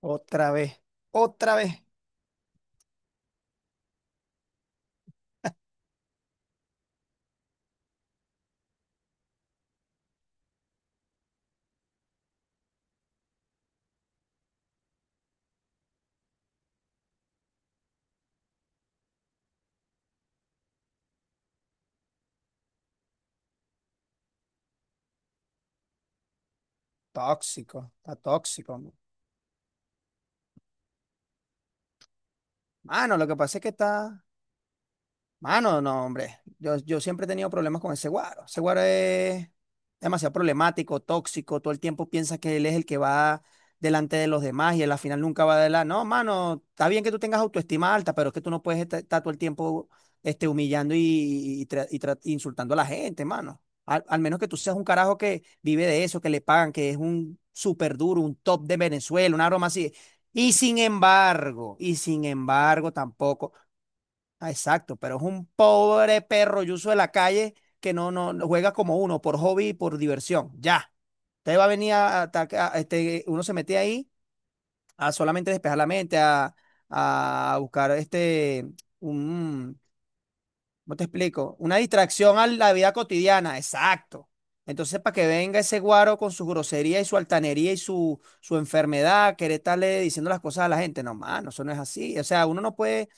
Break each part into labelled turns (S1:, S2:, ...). S1: Otra vez, otra vez. Tóxico, está tóxico. Mano, lo que pasa es que está, Mano, no, hombre. Yo siempre he tenido problemas con ese guaro. Ese guaro es demasiado problemático, tóxico. Todo el tiempo piensa que él es el que va delante de los demás y él al final nunca va adelante. No, mano, está bien que tú tengas autoestima alta, pero es que tú no puedes estar todo el tiempo humillando y insultando a la gente, mano. Al menos que tú seas un carajo que vive de eso, que le pagan, que es un súper duro, un top de Venezuela, una broma así. Y sin embargo, tampoco. Ah, exacto, pero es un pobre perro yuso de la calle que no juega como uno, por hobby y por diversión. Ya. Usted va a venir a atacar, uno se mete ahí a solamente despejar la mente, a buscar un, ¿cómo te explico? Una distracción a la vida cotidiana, exacto. Entonces, para que venga ese guaro con su grosería y su altanería y su enfermedad, querer estarle diciendo las cosas a la gente, no, mano, eso no es así. O sea, uno no puede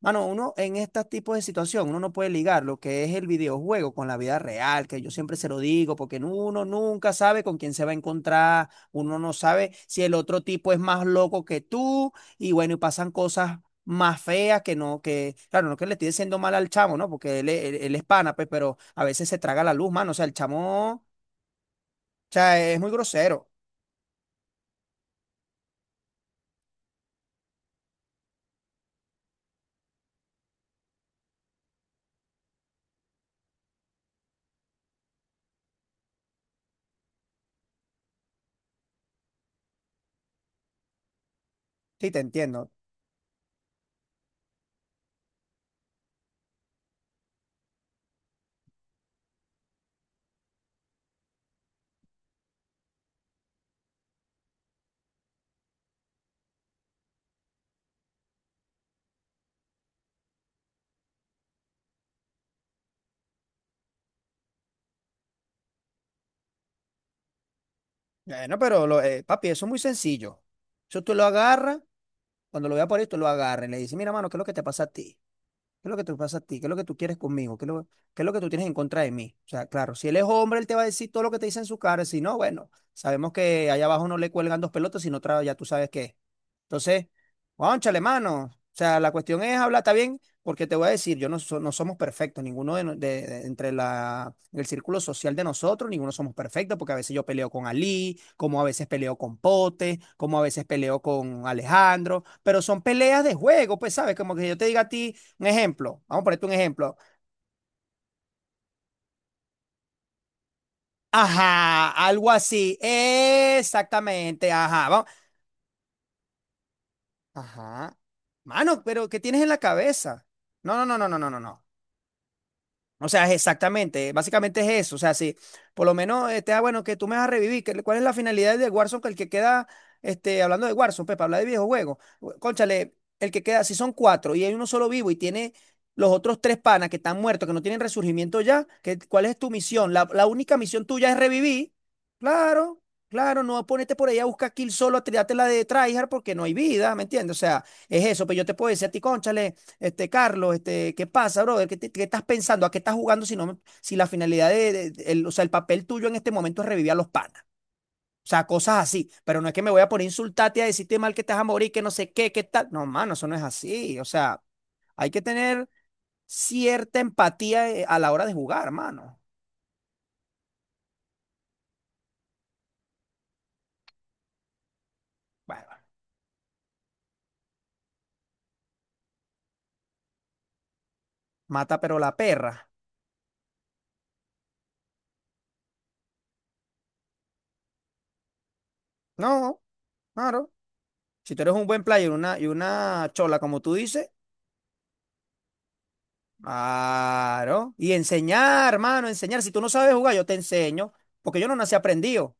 S1: Mano, uno en este tipo de situación, uno no puede ligar lo que es el videojuego con la vida real, que yo siempre se lo digo, porque uno nunca sabe con quién se va a encontrar, uno no sabe si el otro tipo es más loco que tú, y bueno, y pasan cosas más feas que no, que, claro, no que le estoy diciendo mal al chamo, ¿no? Porque él es pana, pues, pero a veces se traga la luz, mano, o sea, el chamo, o sea, es muy grosero, sí, te entiendo. Bueno, pero, papi, eso es muy sencillo. Eso tú lo agarras. Cuando lo vea por esto, lo agarren. Le dice, mira, mano, ¿qué es lo que te pasa a ti? ¿Qué es lo que te pasa a ti? ¿Qué es lo que tú quieres conmigo? ¿Qué es lo que tú tienes en contra de mí? O sea, claro, si él es hombre, él te va a decir todo lo que te dice en su cara. Si no, bueno, sabemos que allá abajo no le cuelgan dos pelotas, sino otra, ya tú sabes qué es. Entonces, cónchale, mano. O sea, la cuestión es hablar, está bien, porque te voy a decir, yo no, so- no somos perfectos, ninguno de, no- de- entre el círculo social de nosotros, ninguno somos perfectos, porque a veces yo peleo con Ali, como a veces peleo con Pote, como a veces peleo con Alejandro, pero son peleas de juego, pues sabes, como que yo te diga a ti. Un ejemplo, vamos a ponerte un ejemplo. Ajá, algo así. Exactamente, ajá, vamos. Ajá. Mano, pero ¿qué tienes en la cabeza? No. O sea, es exactamente, básicamente es eso. O sea, si por lo menos bueno, que tú me vas a revivir, ¿cuál es la finalidad de Warzone? Que el que queda, hablando de Warzone, pepe, habla de videojuegos. Cónchale, el que queda, si son cuatro y hay uno solo vivo y tiene los otros tres panas que están muertos, que no tienen resurgimiento ya, que, ¿cuál es tu misión? La única misión tuya es revivir. Claro, claro, no ponete por ahí a buscar kill solo, a tirarte la de tryhard porque no hay vida, ¿me entiendes? O sea, es eso, pero yo te puedo decir a ti, cónchale. Carlos, ¿qué pasa, brother? ¿Qué estás pensando? ¿A qué estás jugando si la finalidad o sea, el papel tuyo en este momento es revivir a los panas? O sea, cosas así. Pero no es que me voy a poner a insultarte y a decirte mal que estás a morir, que no sé qué, qué tal. No, mano, eso no es así. O sea, hay que tener cierta empatía a la hora de jugar, mano. Bueno, mata pero la perra. No, claro. Si tú eres un buen player y y una chola, como tú dices. Claro. Y enseñar, hermano, enseñar. Si tú no sabes jugar, yo te enseño, porque yo no nací aprendido.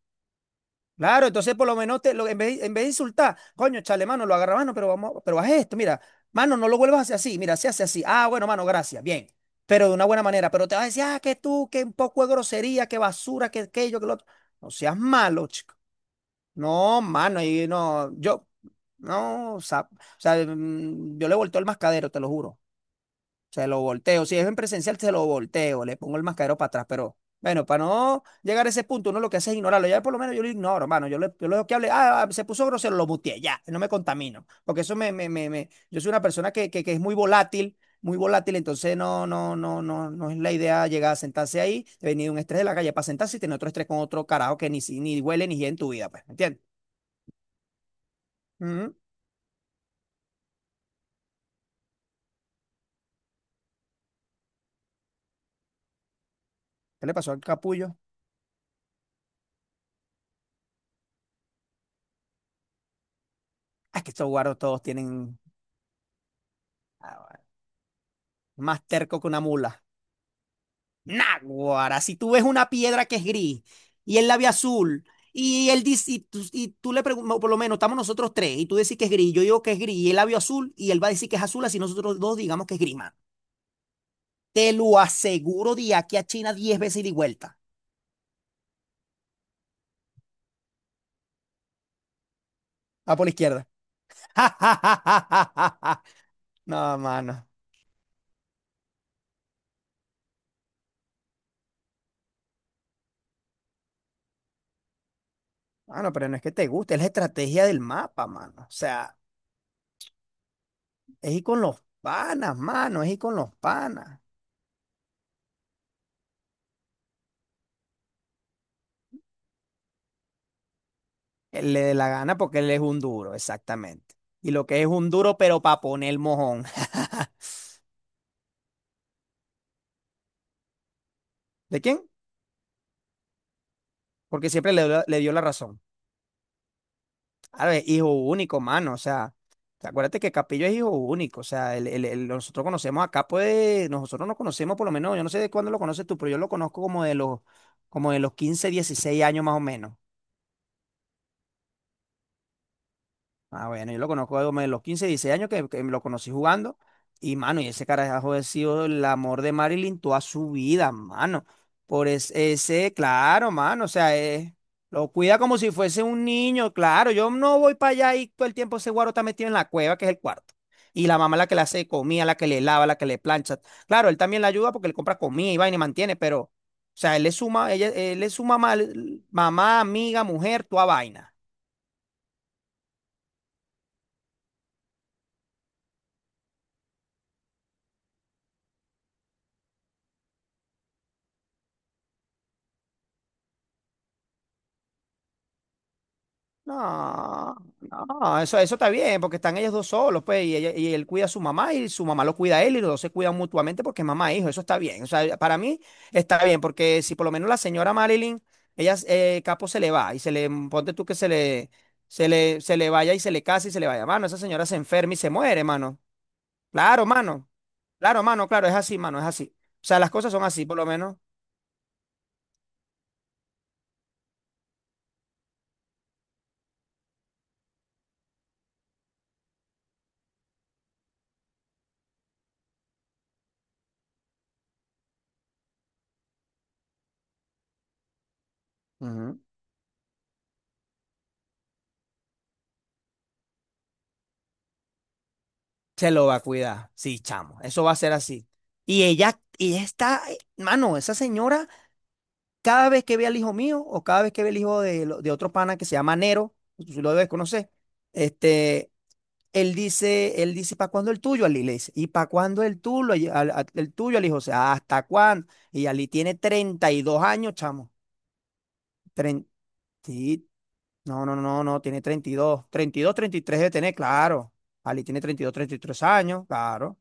S1: Claro, entonces por lo menos te, lo- en vez de insultar, coño, chale, mano, lo agarra, mano, pero vamos, pero haz esto, mira, mano, no lo vuelvas a hacer así, mira, se hace así. Ah, bueno, mano, gracias, bien. Pero de una buena manera, pero te vas a decir, ah, que tú, que un poco de grosería, que basura, que aquello, que lo otro. No seas malo, chico. No, mano, y no, yo, no, o sea, yo le he vuelto el mascadero, te lo juro. Se lo volteo. Si es en presencial, se lo volteo. Le pongo el mascarero para atrás. Pero bueno, para no llegar a ese punto, uno lo que hace es ignorarlo. Ya por lo menos yo lo ignoro, hermano. Yo lo dejo que hable. Se puso grosero, lo muteé. Ya, no me contamino. Porque eso me, me, me, me- yo soy una persona que es muy volátil. Muy volátil, entonces no es la idea llegar a sentarse ahí, venir de un estrés de la calle para sentarse y tener otro estrés con otro carajo que ni, si- ni huele ni gira en tu vida, pues, ¿me entiendes? Ujú. ¿Qué le pasó al capullo? Ah, es que estos guaros todos tienen ah, más terco que una mula. Náguara, si tú ves una piedra que es gris y él la ve azul y él dice, y tú le preguntas, por lo menos estamos nosotros tres y tú decís que es gris, yo digo que es gris y él la vio azul y él va a decir que es azul así nosotros dos digamos que es gris, mano. Te lo aseguro de aquí a China 10 veces y de vuelta. Va por la izquierda. No, mano. Mano, pero no es que te guste, es la estrategia del mapa, mano. O sea, es ir con los panas, mano, es ir con los panas. Él le dé la gana porque él es un duro, exactamente. Y lo que es un duro, pero para poner mojón. ¿De quién? Porque siempre le dio la razón. A ver, hijo único, mano. O sea, te acuérdate que Capillo es hijo único. O sea, nosotros conocemos acá, pues, nosotros nos conocemos por lo menos, yo no sé de cuándo lo conoces tú, pero yo lo conozco como de los 15, 16 años más o menos. Ah, bueno, yo lo conozco de los 15, 16 años que lo conocí jugando. Y, mano, y ese carajo ha sido el amor de Marilyn toda su vida, mano. Claro, mano, lo cuida como si fuese un niño, claro. Yo no voy para allá y todo el tiempo ese guaro está metido en la cueva, que es el cuarto. Y la mamá la que le hace comida, la que le lava, la que le plancha. Claro, él también la ayuda porque le compra comida y vaina y mantiene, pero, o sea, él es su mamá, mamá, amiga, mujer, toda vaina. No, no, eso está bien, porque están ellos dos solos, pues, y él cuida a su mamá y su mamá lo cuida a él y los dos se cuidan mutuamente porque es mamá e hijo, eso está bien. O sea, para mí está bien, porque si por lo menos la señora Marilyn, Capo se le va y se le, ponte tú que se le, se le, se le vaya y se le casa y se le vaya, mano, esa señora se enferma y se muere, mano. Claro, mano, claro, mano, claro, es así, mano, es así. O sea, las cosas son así, por lo menos. Ujú. Se lo va a cuidar. Sí, chamo. Eso va a ser así. Mano, esa señora, cada vez que ve al hijo mío o cada vez que ve al hijo de otro pana que se llama Nero, tú lo debes conocer, este, él dice, ¿para cuándo el tuyo, Ali? Le dice, ¿y para cuándo el tuyo, al, al- ¿el tuyo, Ali? O sea, ¿hasta cuándo? Y Ali tiene 32 años, chamo. Tren- sí, no, no, no, no, tiene 32, 33 debe tener, claro. Ali tiene 32, 33 años, claro.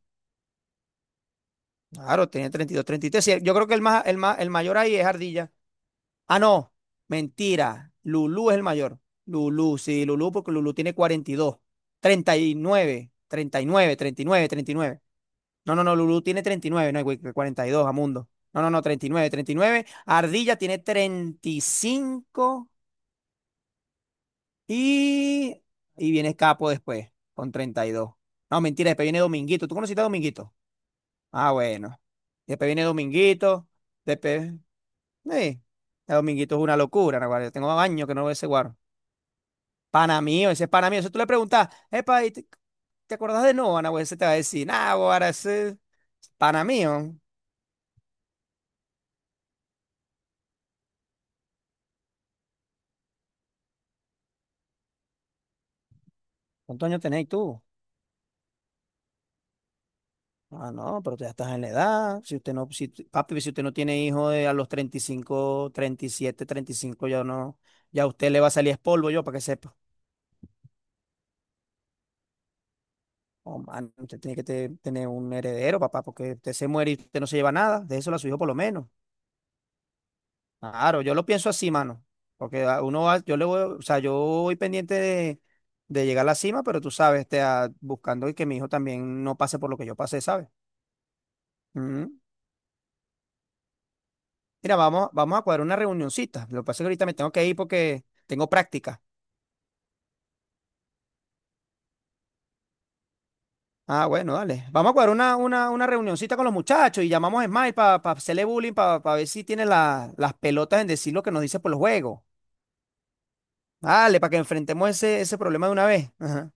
S1: Claro, tenía 32, 33. Sí, yo creo que el más, el más, el mayor ahí es Ardilla. Ah, no, mentira. Lulú es el mayor. Lulú, sí, Lulú, porque Lulú tiene 42, treinta treinta treinta nueve, nueve, 39, 39. No, no, no, Lulú tiene 39, no, güey, que 42, Amundo. No, no, no, 39, 39. Ardilla tiene cinco y viene Capo después, con 32. No, mentira, después viene Dominguito. ¿Tú conociste a Dominguito? Ah, bueno. Después viene Dominguito. Después. Sí, el dominguito es una locura, naguará. Yo tengo años que no veo ese guaro. Pana mío, ese es pana mío. Eso tú le preguntas, epa, ¿te acordás de Noah, naguará? Ese te va a decir, nah, guara, ese es pana mío. ¿Cuántos años tenéis tú? Ah, no, pero tú ya estás en la edad. Si usted no, si, tu- papi, si usted no tiene hijos de a los treinta treinta y cinco, treinta y siete, treinta y cinco, ya no, ya a usted le va a salir es polvo, yo para que sepa. Oh, man, usted tiene que tener un heredero, papá, porque usted se muere y usted no se lleva nada. De eso a su hijo por lo menos. Claro, yo lo pienso así, mano. Porque a uno va, yo le voy, o sea, yo voy pendiente de llegar a la cima, pero tú sabes, buscando que mi hijo también no pase por lo que yo pasé, ¿sabes? Ujú. Mira, vamos a cuadrar una reunioncita. Lo que pasa es que ahorita me tengo que ir porque tengo práctica. Ah, bueno, dale. Vamos a cuadrar una reunioncita con los muchachos y llamamos a Smile para hacerle bullying, para ver si tiene las pelotas en decir lo que nos dice por los juegos. Dale, para que enfrentemos ese problema de una vez. Ajá.